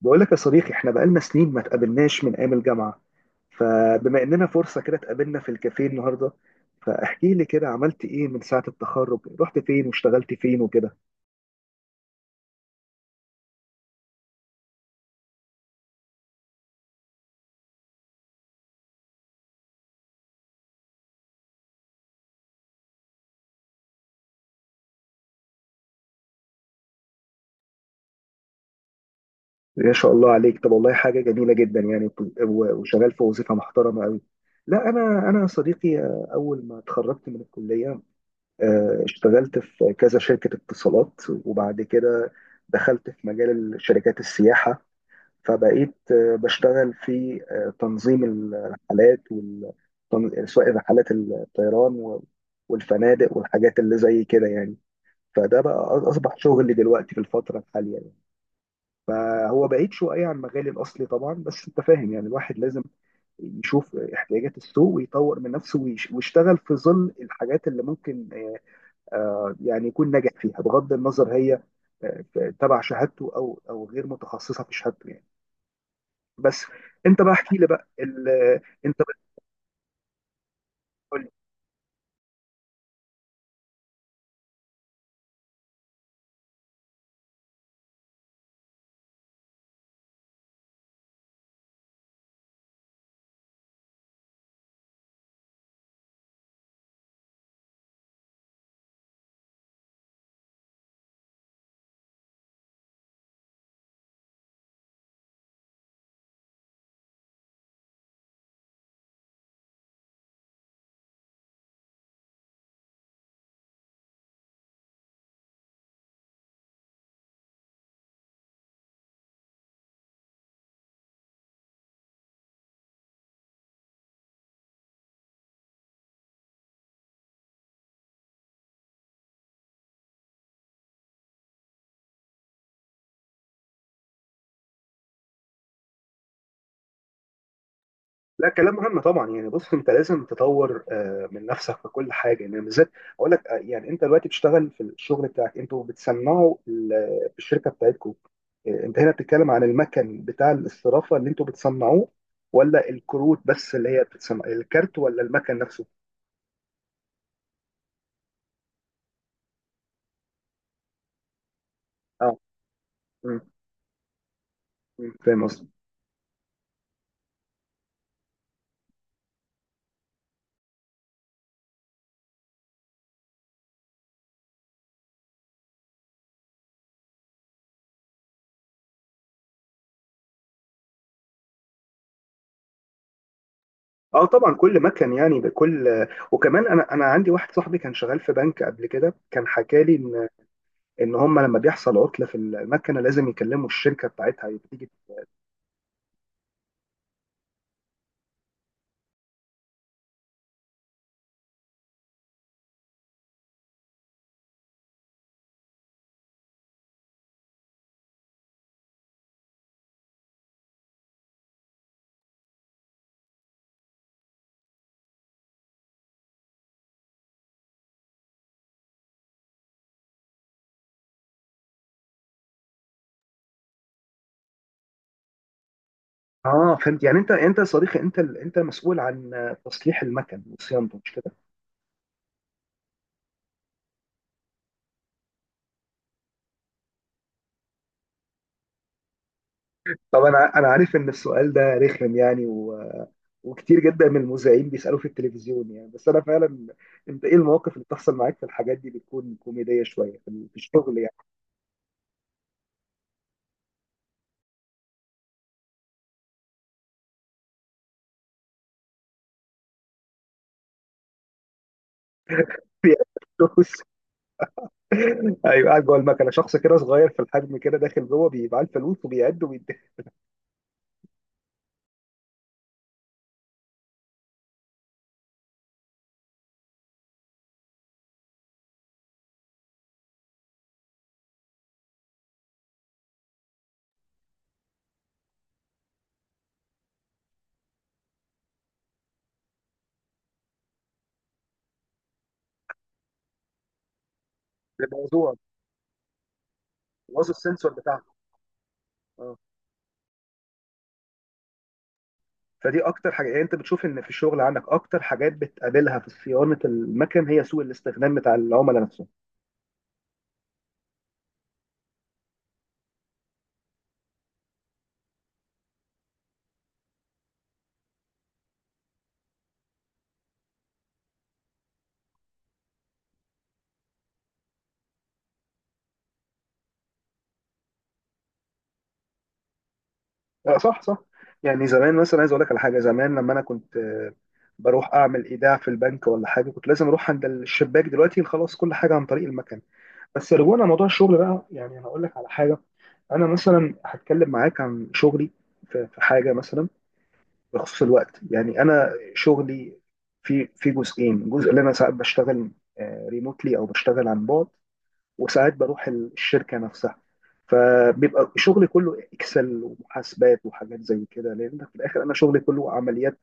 بقول لك يا صديقي، احنا بقالنا سنين ما تقابلناش من ايام الجامعة. فبما اننا فرصة كده اتقابلنا في الكافيه النهاردة، فاحكي لي كده عملت ايه من ساعة التخرج؟ رحت فين واشتغلت فين وكده؟ ما شاء الله عليك، طب والله حاجة جميلة جدا يعني. وشغال في وظيفة محترمة قوي. لا، انا يا صديقي، اول ما اتخرجت من الكلية اشتغلت في كذا شركة اتصالات، وبعد كده دخلت في مجال شركات السياحة. فبقيت بشتغل في تنظيم الرحلات، سواء رحلات الطيران والفنادق والحاجات اللي زي كده يعني. فده بقى اصبح شغلي دلوقتي في الفتره الحاليه يعني. فهو بعيد شويه عن مجالي الاصلي طبعا، بس انت فاهم، يعني الواحد لازم يشوف احتياجات السوق ويطور من نفسه ويشتغل في ظل الحاجات اللي ممكن يعني يكون ناجح فيها، بغض النظر هي آه، تبع شهادته او غير متخصصه في شهادته يعني. بس انت بقى احكي لي بقى انت بتقول لي. لا، كلام مهم طبعا، يعني بص، انت لازم تطور من نفسك في كل حاجه يعني. بالذات اقول لك، يعني انت دلوقتي بتشتغل في الشغل بتاعك، انتوا بتصنعوا في الشركه بتاعتكم. انت هنا بتتكلم عن المكن بتاع الاسترافه اللي انتوا بتصنعوه، ولا الكروت بس اللي هي بتصنع الكارت، ولا المكن نفسه؟ اه. مم. مم. فاهم قصدي؟ اه، طبعا كل مكن يعني بكل. وكمان انا عندي واحد صاحبي كان شغال في بنك قبل كده، كان حكى لي ان هم لما بيحصل عطله في المكنه لازم يكلموا الشركه بتاعتها تيجي. اه، فهمت. يعني انت يا صديقي، انت انت مسؤول عن تصليح المكن وصيانته، مش كده؟ طب انا عارف ان السؤال ده رخم يعني، وكتير جدا من المذيعين بيسالوه في التلفزيون يعني، بس انا فعلا، انت ايه المواقف اللي بتحصل معاك في الحاجات دي؟ بتكون كوميديه شويه في في الشغل يعني. فلوس! ايوه، قاعد جوه المكنه شخص كده صغير في الحجم كده، داخل جوه بيبقى الفلوس وبيعد وبيدي. الموضوع باظ السنسور بتاعه. آه. فدي اكتر حاجه، يعني انت بتشوف ان في الشغل عندك اكتر حاجات بتقابلها في صيانه المكن هي سوء الاستخدام بتاع العملاء نفسهم. آه، صح، صح. يعني زمان مثلا، عايز اقول لك على حاجه. زمان لما انا كنت بروح اعمل ايداع في البنك ولا حاجه، كنت لازم اروح عند الشباك. دلوقتي خلاص، كل حاجه عن طريق المكن. بس رجوعنا لموضوع الشغل بقى، يعني انا اقول لك على حاجه. انا مثلا هتكلم معاك عن شغلي، في حاجه مثلا بخصوص الوقت. يعني انا شغلي في في جزئين. جزء اللي انا ساعات بشتغل ريموتلي او بشتغل عن بعد، وساعات بروح الشركه نفسها. فبيبقى شغلي كله اكسل ومحاسبات وحاجات زي كده، لان في الاخر انا شغلي كله عمليات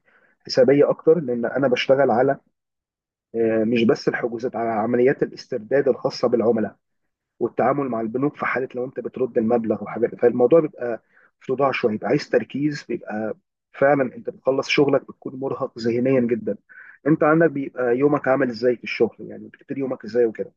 حسابيه اكتر، لان انا بشتغل على مش بس الحجوزات، على عمليات الاسترداد الخاصه بالعملاء والتعامل مع البنوك في حاله لو انت بترد المبلغ وحاجات. فالموضوع بيبقى في صداع شويه، بيبقى عايز تركيز، بيبقى فعلا انت بتخلص شغلك بتكون مرهق ذهنيا جدا. انت عندك بيبقى يومك عامل ازاي في الشغل يعني؟ بتبتدي يومك ازاي وكده؟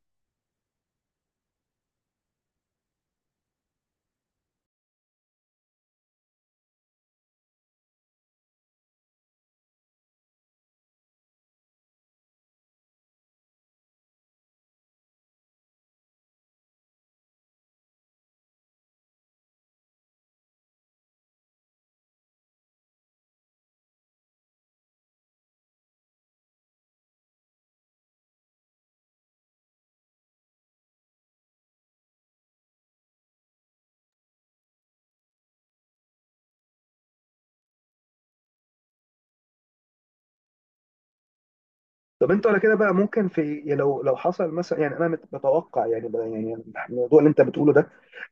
طب انت على كده بقى، ممكن في يعني، لو حصل مثلا، يعني انا متوقع يعني بقى، يعني الموضوع اللي انت بتقوله ده،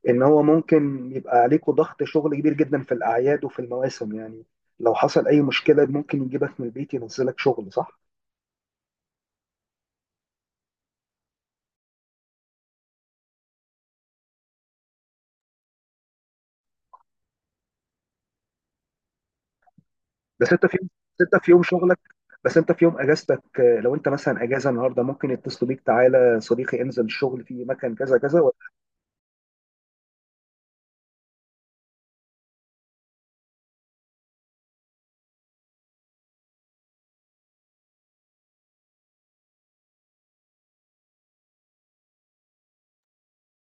ان هو ممكن يبقى عليكوا ضغط شغل كبير جدا في الاعياد وفي المواسم يعني. لو حصل اي مشكله ممكن يجيبك من البيت ينزلك شغل، صح؟ بس انت في، بس انت في يوم شغلك، بس انت في يوم اجازتك، لو انت مثلا اجازه النهارده، ممكن يتصلوا بيك: تعالى صديقي انزل الشغل في مكان كذا كذا، ولا؟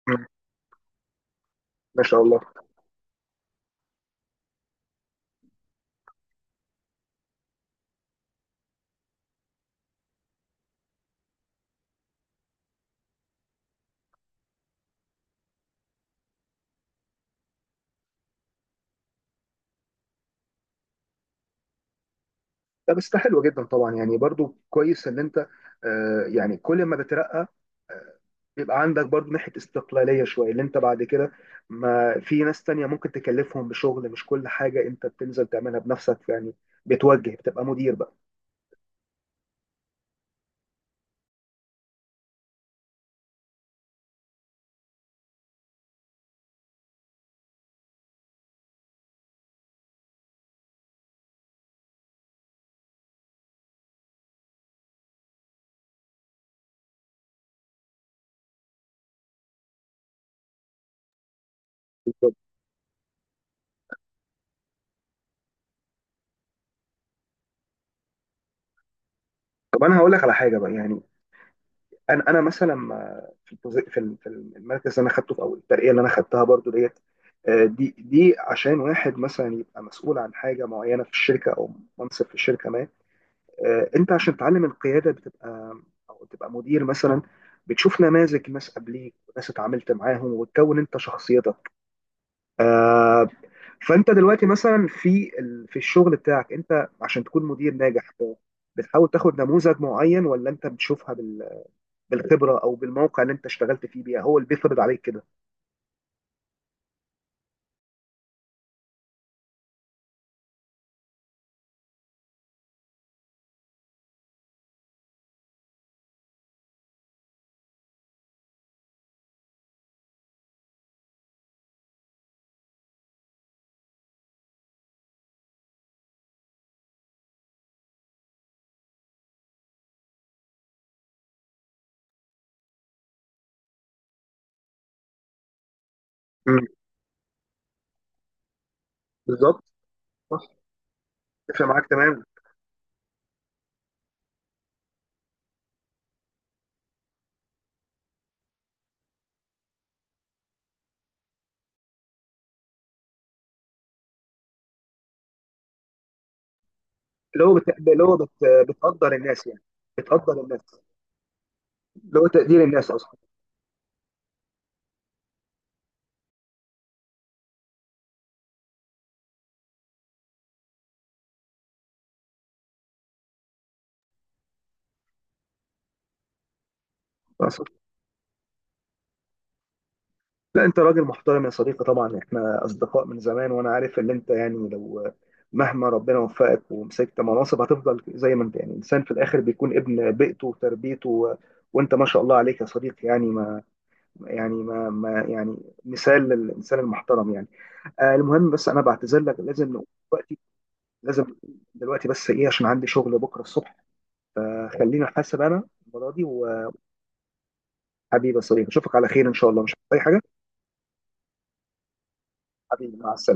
مم. ما شاء الله. لا، بس ده حلو جدا طبعا، يعني برضو كويس ان انت، يعني كل ما بترقى بيبقى عندك برضو ناحيه استقلاليه شويه، اللي انت بعد كده ما في ناس تانية ممكن تكلفهم بشغل. مش كل حاجه انت بتنزل تعملها بنفسك يعني، بتوجه، بتبقى مدير بقى. طب انا هقول لك على حاجه بقى يعني. انا مثلا، في المركز اللي انا خدته في اول الترقيه اللي انا خدتها برضو ديت، دي عشان واحد مثلا يبقى مسؤول عن حاجه معينه في الشركه، او منصب في الشركه ما، انت عشان تتعلم القياده، بتبقى او تبقى مدير مثلا، بتشوف نماذج ناس قبليك وناس اتعاملت معاهم وتكون انت شخصيتك. فانت دلوقتي مثلا في في الشغل بتاعك، انت عشان تكون مدير ناجح، بتحاول تاخد نموذج معين، ولا انت بتشوفها بالخبره، او بالموقع اللي انت اشتغلت فيه بيها هو اللي بيفرض عليك كده؟ مم. بالظبط. صح. اتفق معاك تمام. اللي هو بت... اللي هو بت... بتقدر الناس يعني. بتقدر الناس. اللي هو تقدير الناس اصلا. صح. لا، انت راجل محترم يا صديقي طبعا، احنا اصدقاء من زمان، وانا عارف ان انت، يعني لو مهما ربنا وفقك ومسكت مناصب هتفضل زي ما انت. يعني الانسان في الاخر بيكون ابن بيئته وتربيته، وانت ما شاء الله عليك يا صديقي، يعني ما يعني ما يعني مثال للانسان المحترم يعني. المهم، بس انا بعتذر لك، لازم نقوم دلوقتي. لازم نقوم دلوقتي، بس ايه، عشان عندي شغل بكره الصبح. فخلينا، حاسب انا المره دي وحبيبي. يا صديقي اشوفك على خير ان شاء الله، مش عايز اي حاجه. حبيبي، مع السلامه.